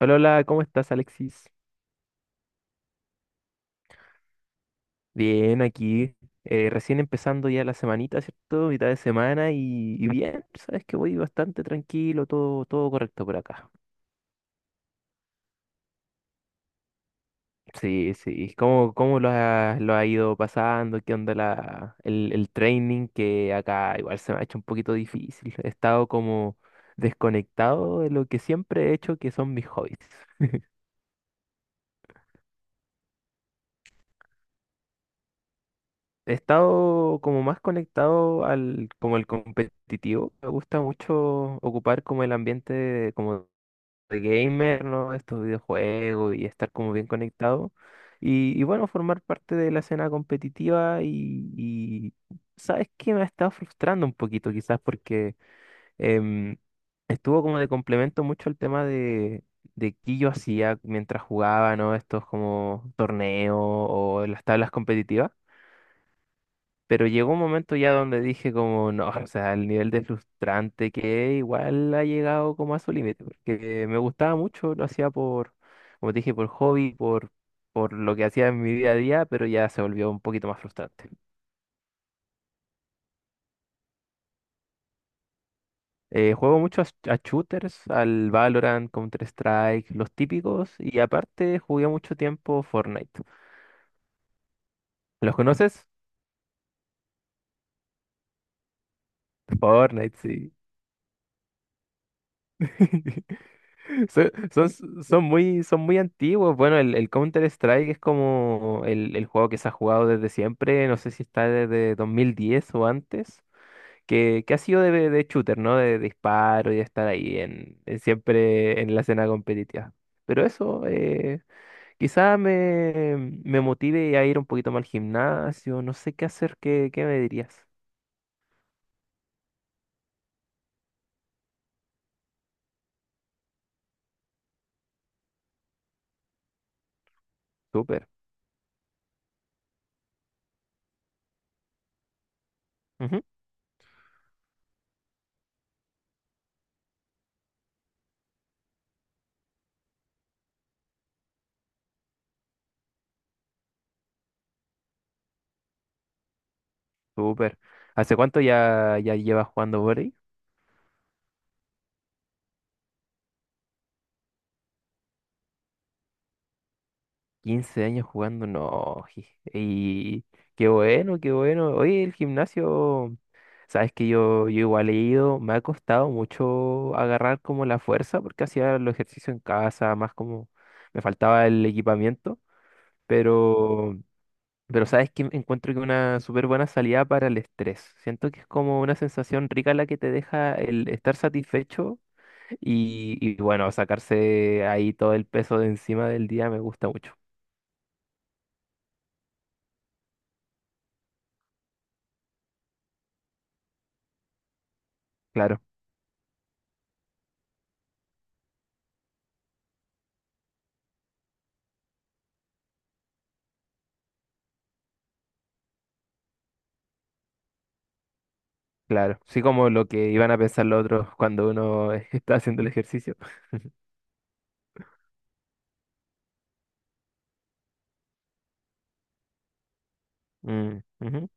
Hola, hola, ¿cómo estás, Alexis? Bien, aquí, recién empezando ya la semanita, ¿cierto? Mitad de semana y bien, sabes que voy bastante tranquilo, todo correcto por acá. Sí, sí. ¿Cómo lo ha ido pasando? ¿Qué onda el training? Que acá igual se me ha hecho un poquito difícil. He estado como desconectado de lo que siempre he hecho, que son mis hobbies. He estado como más conectado al como el competitivo. Me gusta mucho ocupar como el ambiente como de gamer, ¿no? Estos videojuegos y estar como bien conectado. Y bueno, formar parte de la escena competitiva y ¿sabes qué? Me ha estado frustrando un poquito quizás porque em, estuvo como de complemento mucho el tema de qué yo hacía mientras jugaba, ¿no? Estos como torneos o las tablas competitivas. Pero llegó un momento ya donde dije como, no, o sea, el nivel de frustrante que es, igual ha llegado como a su límite, porque me gustaba mucho, lo hacía por, como te dije, por hobby, por lo que hacía en mi día a día, pero ya se volvió un poquito más frustrante. Juego mucho a shooters, al Valorant, Counter-Strike, los típicos, y aparte jugué mucho tiempo Fortnite. ¿Los conoces? Fortnite, sí. Son, son muy antiguos. Bueno, el Counter-Strike es como el juego que se ha jugado desde siempre. No sé si está desde 2010 o antes. Que ha sido de shooter, ¿no? De disparo y de estar ahí en siempre en la escena competitiva. Pero eso, quizá me motive a ir un poquito más al gimnasio. No sé qué hacer. ¿Qué me dirías? Súper. Ujú. Súper. ¿Hace cuánto ya llevas jugando por 15 años jugando, no. Y qué bueno, qué bueno. Oye, el gimnasio, sabes que yo igual he ido, me ha costado mucho agarrar como la fuerza porque hacía los ejercicios en casa, más como me faltaba el equipamiento, pero, pero sabes que encuentro que una súper buena salida para el estrés. Siento que es como una sensación rica la que te deja el estar satisfecho y bueno, sacarse ahí todo el peso de encima del día me gusta mucho. Claro. Claro, sí como lo que iban a pensar los otros cuando uno está haciendo el ejercicio. Mm, ujú.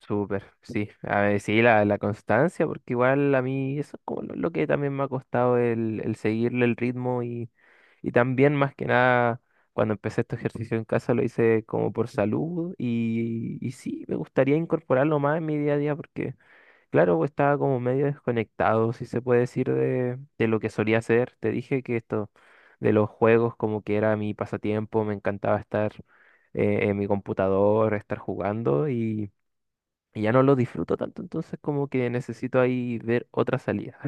Súper, sí. A ver, sí, la constancia, porque igual a mí eso es como lo que también me ha costado el seguirle el ritmo y también más que nada cuando empecé este ejercicio en casa lo hice como por salud y sí, me gustaría incorporarlo más en mi día a día porque claro, pues, estaba como medio desconectado, si se puede decir, de lo que solía hacer. Te dije que esto de los juegos como que era mi pasatiempo, me encantaba estar en mi computador, estar jugando y ya no lo disfruto tanto, entonces como que necesito ahí ver otra salida.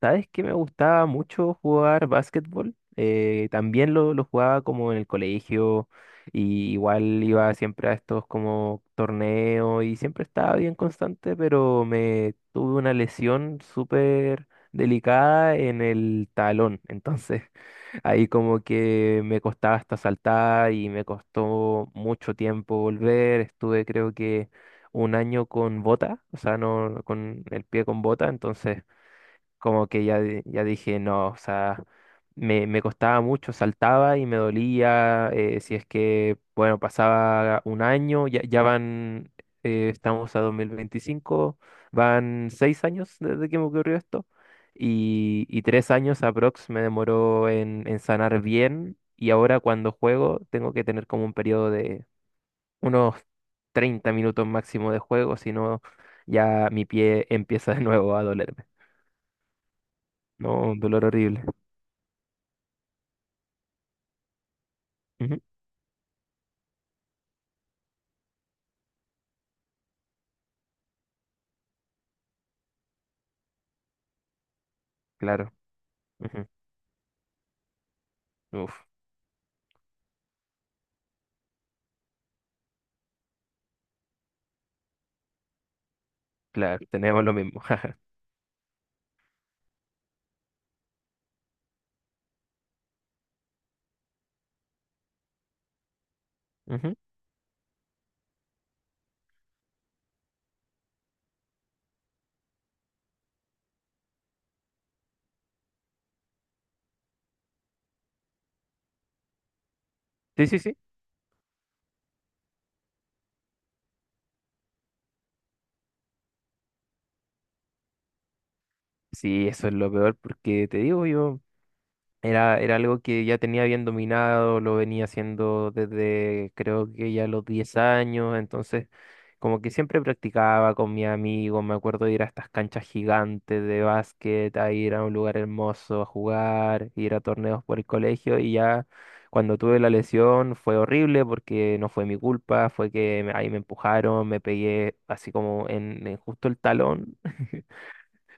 ¿Sabes qué me gustaba mucho jugar básquetbol? También lo jugaba como en el colegio y igual iba siempre a estos como torneos y siempre estaba bien constante, pero me tuve una lesión súper delicada en el talón. Entonces ahí como que me costaba hasta saltar y me costó mucho tiempo volver. Estuve creo que un año con bota, o sea, no con el pie con bota, entonces como que ya, ya dije, no, o sea, me costaba mucho, saltaba y me dolía, si es que, bueno, pasaba un año, ya, ya van, estamos a 2025, van 6 años desde que me ocurrió esto, y 3 años aprox me demoró en sanar bien, y ahora cuando juego tengo que tener como un periodo de unos 30 minutos máximo de juego, si no, ya mi pie empieza de nuevo a dolerme, ¿no? Un dolor horrible. Ujú. Claro. Ujú. Uf, claro, tenemos lo mismo. Jaja. Ujú. Sí, sí, sí. Sí, eso es lo peor porque te digo, yo era, era algo que ya tenía bien dominado, lo venía haciendo desde creo que ya los 10 años, entonces como que siempre practicaba con mi amigo, me acuerdo de ir a estas canchas gigantes de básquet, a ir a un lugar hermoso a jugar, ir a torneos por el colegio y ya cuando tuve la lesión fue horrible porque no fue mi culpa, fue que ahí me empujaron, me pegué así como en justo el talón.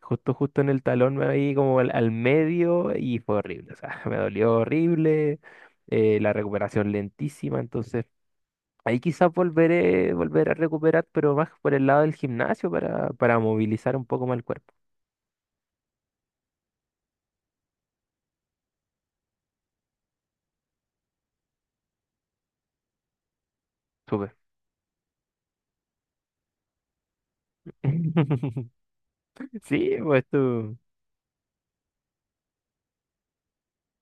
Justo, justo en el talón me ahí como al medio y fue horrible. O sea, me dolió horrible, la recuperación lentísima. Entonces, ahí quizás volveré, volver a recuperar, pero más por el lado del gimnasio para movilizar un poco más el cuerpo. Súper. Sí, pues tú.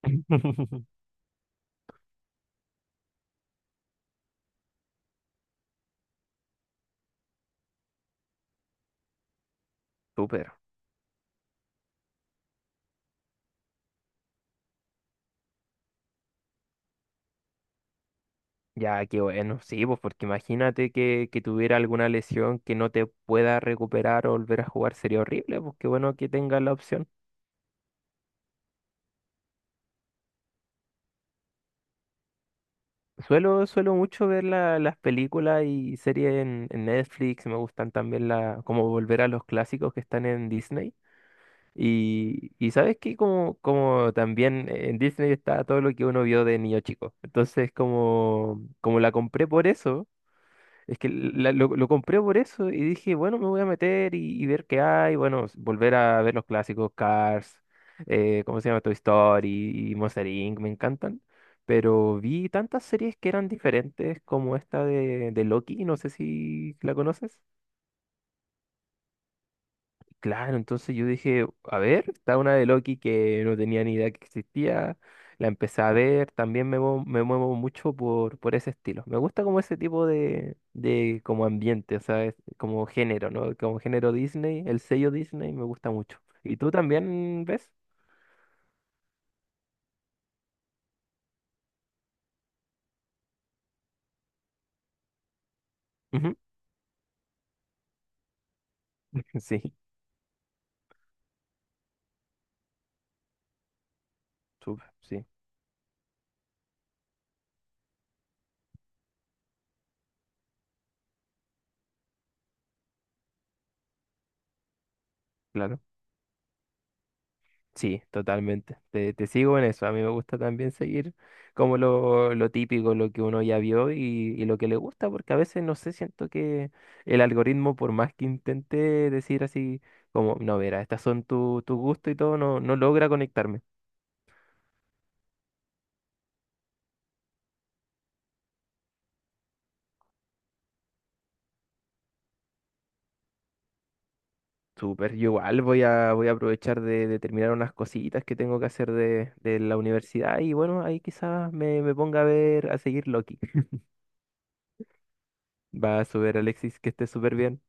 Súper. Ya, qué bueno. Sí, pues porque imagínate que tuviera alguna lesión que no te pueda recuperar o volver a jugar. Sería horrible, pues qué bueno que tengas la opción. Suelo, suelo mucho ver las películas y series en Netflix, me gustan también como volver a los clásicos que están en Disney. Y sabes que como también en Disney está todo lo que uno vio de niño chico. Entonces como la compré por eso, es que lo compré por eso y dije, bueno, me voy a meter y ver qué hay. Bueno, volver a ver los clásicos Cars, ¿cómo se llama? Toy Story y Monster Inc. Me encantan. Pero vi tantas series que eran diferentes como esta de Loki, no sé si la conoces. Claro, entonces yo dije, a ver, está una de Loki que no tenía ni idea que existía, la empecé a ver, también me muevo mucho por ese estilo. Me gusta como ese tipo de como ambiente, o sea, es como género, ¿no? Como género Disney, el sello Disney me gusta mucho. ¿Y tú también ves? Ujú. Sí, súper, sí, claro. Sí, totalmente. Te sigo en eso. A mí me gusta también seguir como lo típico, lo que uno ya vio y lo que le gusta, porque a veces no sé, siento que el algoritmo, por más que intente decir así, como, no, verá, estas son tu gusto y todo, no logra conectarme. Súper, yo igual voy a aprovechar de terminar unas cositas que tengo que hacer de la universidad y bueno, ahí quizás me ponga a ver, a seguir Loki. Va a subir Alexis, que esté súper bien.